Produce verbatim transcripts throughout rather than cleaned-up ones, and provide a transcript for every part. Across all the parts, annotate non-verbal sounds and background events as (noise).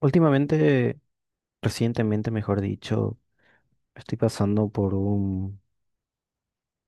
Últimamente, recientemente, mejor dicho, estoy pasando por un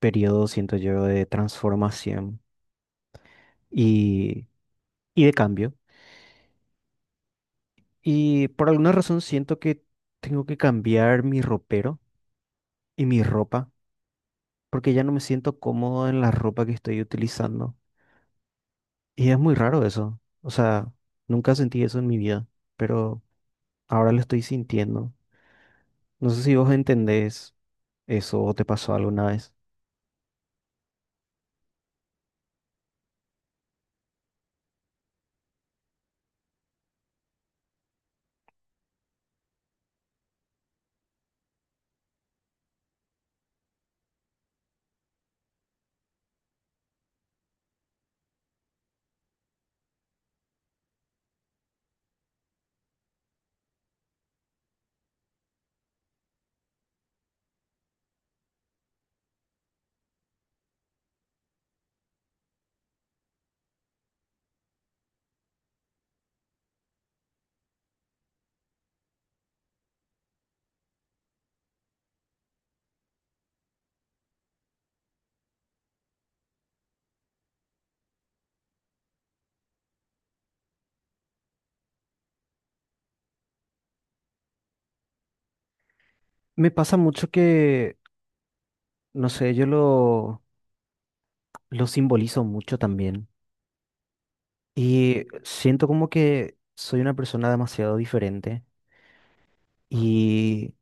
periodo, siento yo, de transformación y, y de cambio. Y por alguna razón siento que tengo que cambiar mi ropero y mi ropa, porque ya no me siento cómodo en la ropa que estoy utilizando. Y es muy raro eso. O sea, nunca sentí eso en mi vida, pero ahora lo estoy sintiendo. No sé si vos entendés eso o te pasó alguna vez. Me pasa mucho que no sé, yo lo, lo simbolizo mucho también. Y siento como que soy una persona demasiado diferente. Y...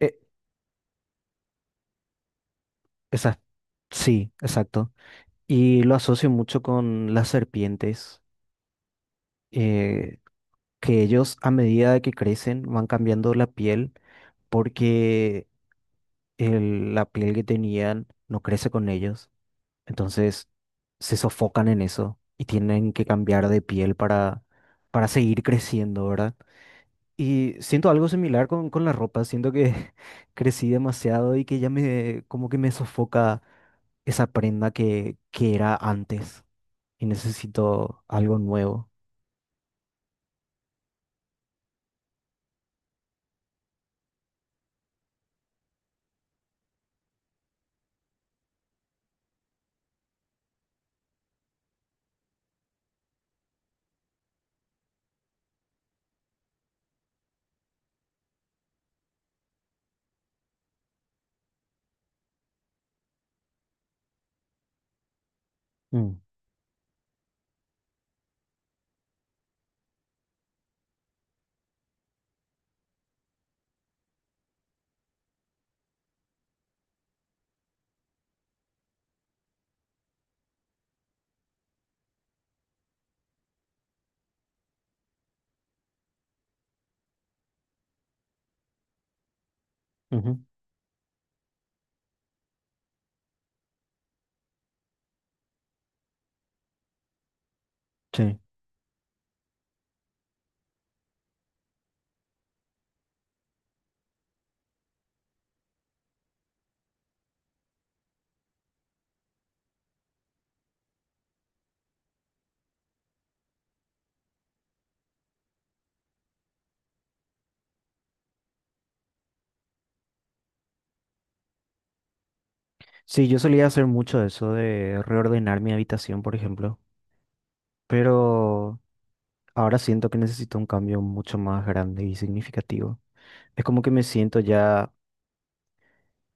eh, esa- sí, exacto. Y lo asocio mucho con las serpientes, eh, que ellos a medida de que crecen van cambiando la piel porque el- la piel que tenían no crece con ellos. Entonces se sofocan en eso y tienen que cambiar de piel para, para seguir creciendo, ¿verdad? Y siento algo similar con, con la ropa, siento que (laughs) crecí demasiado y que ya me, como que me sofoca esa prenda que, que era antes y necesito algo nuevo. Mm, ujú. Sí. Sí, yo solía hacer mucho eso de reordenar mi habitación, por ejemplo, pero ahora siento que necesito un cambio mucho más grande y significativo. Es como que me siento ya,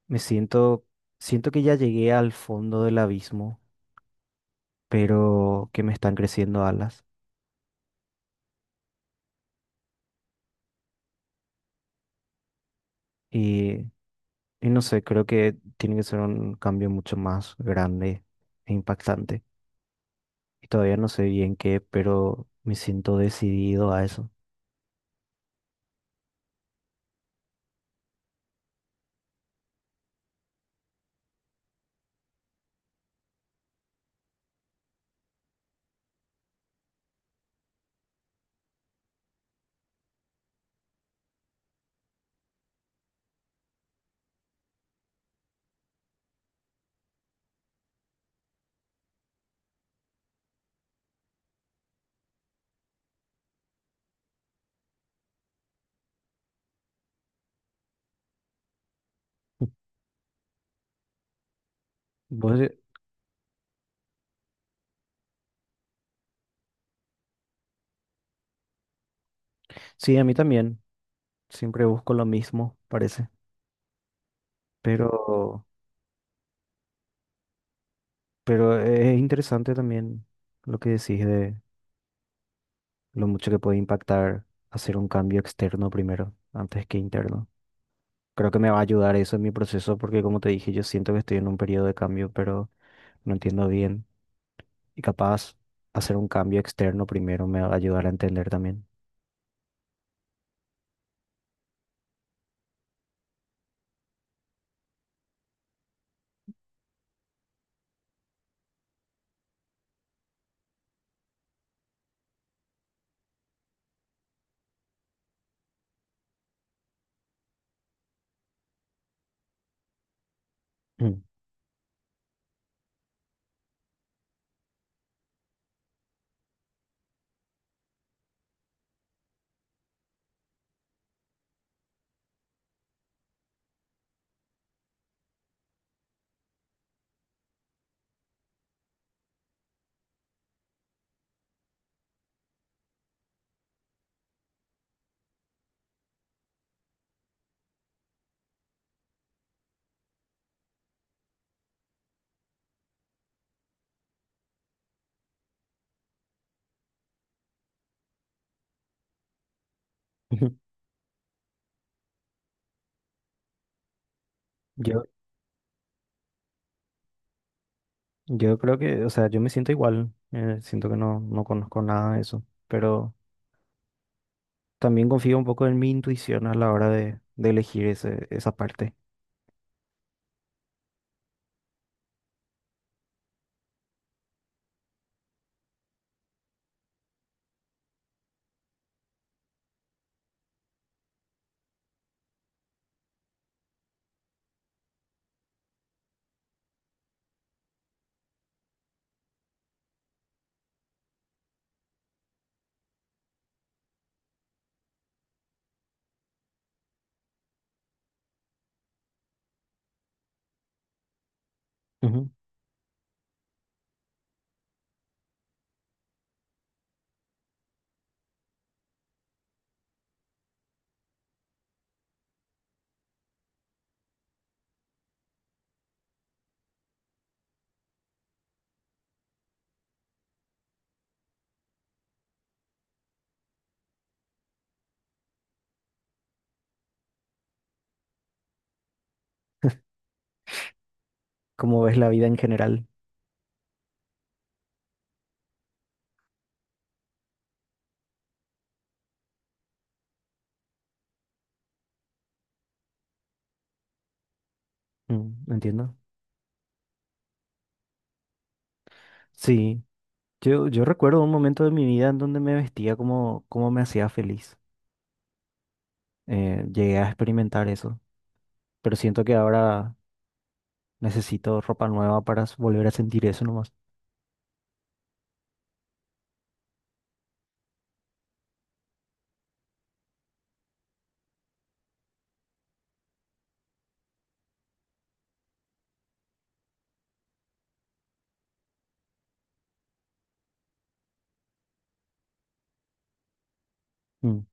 me siento, siento que ya llegué al fondo del abismo, pero que me están creciendo alas. Y, y no sé, creo que tiene que ser un cambio mucho más grande e impactante. Y todavía no sé bien qué, pero me siento decidido a eso. Vos de- sí, a mí también. Siempre busco lo mismo, parece. Pero, pero es interesante también lo que decís de lo mucho que puede impactar hacer un cambio externo primero, antes que interno. Creo que me va a ayudar eso en mi proceso porque, como te dije, yo siento que estoy en un periodo de cambio, pero no entiendo bien. Y capaz hacer un cambio externo primero me va a ayudar a entender también. Mm. (laughs) Yo, yo creo que, o sea, yo me siento igual. Eh, siento que no, no conozco nada de eso. Pero también confío un poco en mi intuición a la hora de, de elegir ese, esa parte. Ujú. Cómo ves la vida en general. Mm, entiendo. Sí, yo, yo recuerdo un momento de mi vida en donde me vestía como, como me hacía feliz. Eh, llegué a experimentar eso. Pero siento que ahora necesito ropa nueva para s- volver a sentir eso. Mm.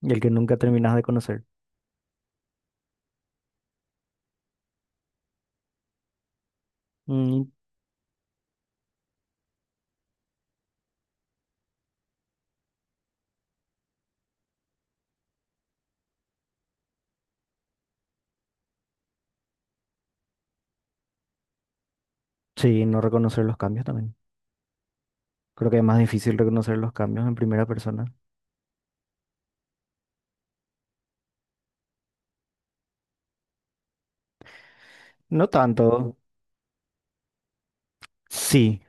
Y el que nunca terminas de conocer. Mm. Sí, no reconocer los cambios también. Creo que es más difícil reconocer los cambios en primera persona. No tanto, sí,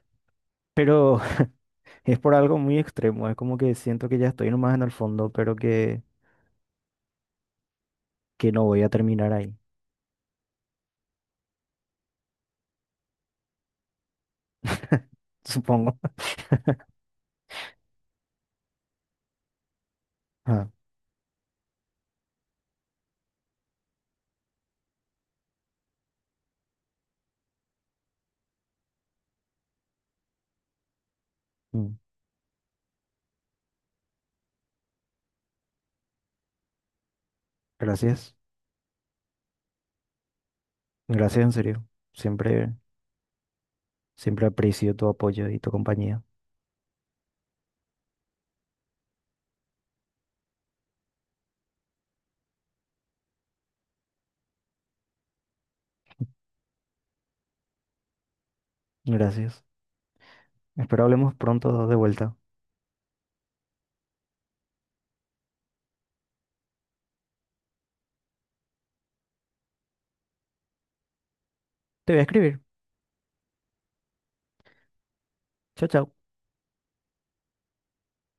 pero (laughs) es por algo muy extremo. Es como que siento que ya estoy nomás en el fondo, pero que, que no voy a terminar ahí, (laughs) supongo. Ah, mm. Gracias. Gracias en serio. Siempre, siempre aprecio tu apoyo y tu compañía. Gracias. Espero hablemos pronto de vuelta. Te voy a escribir. Chao, chao.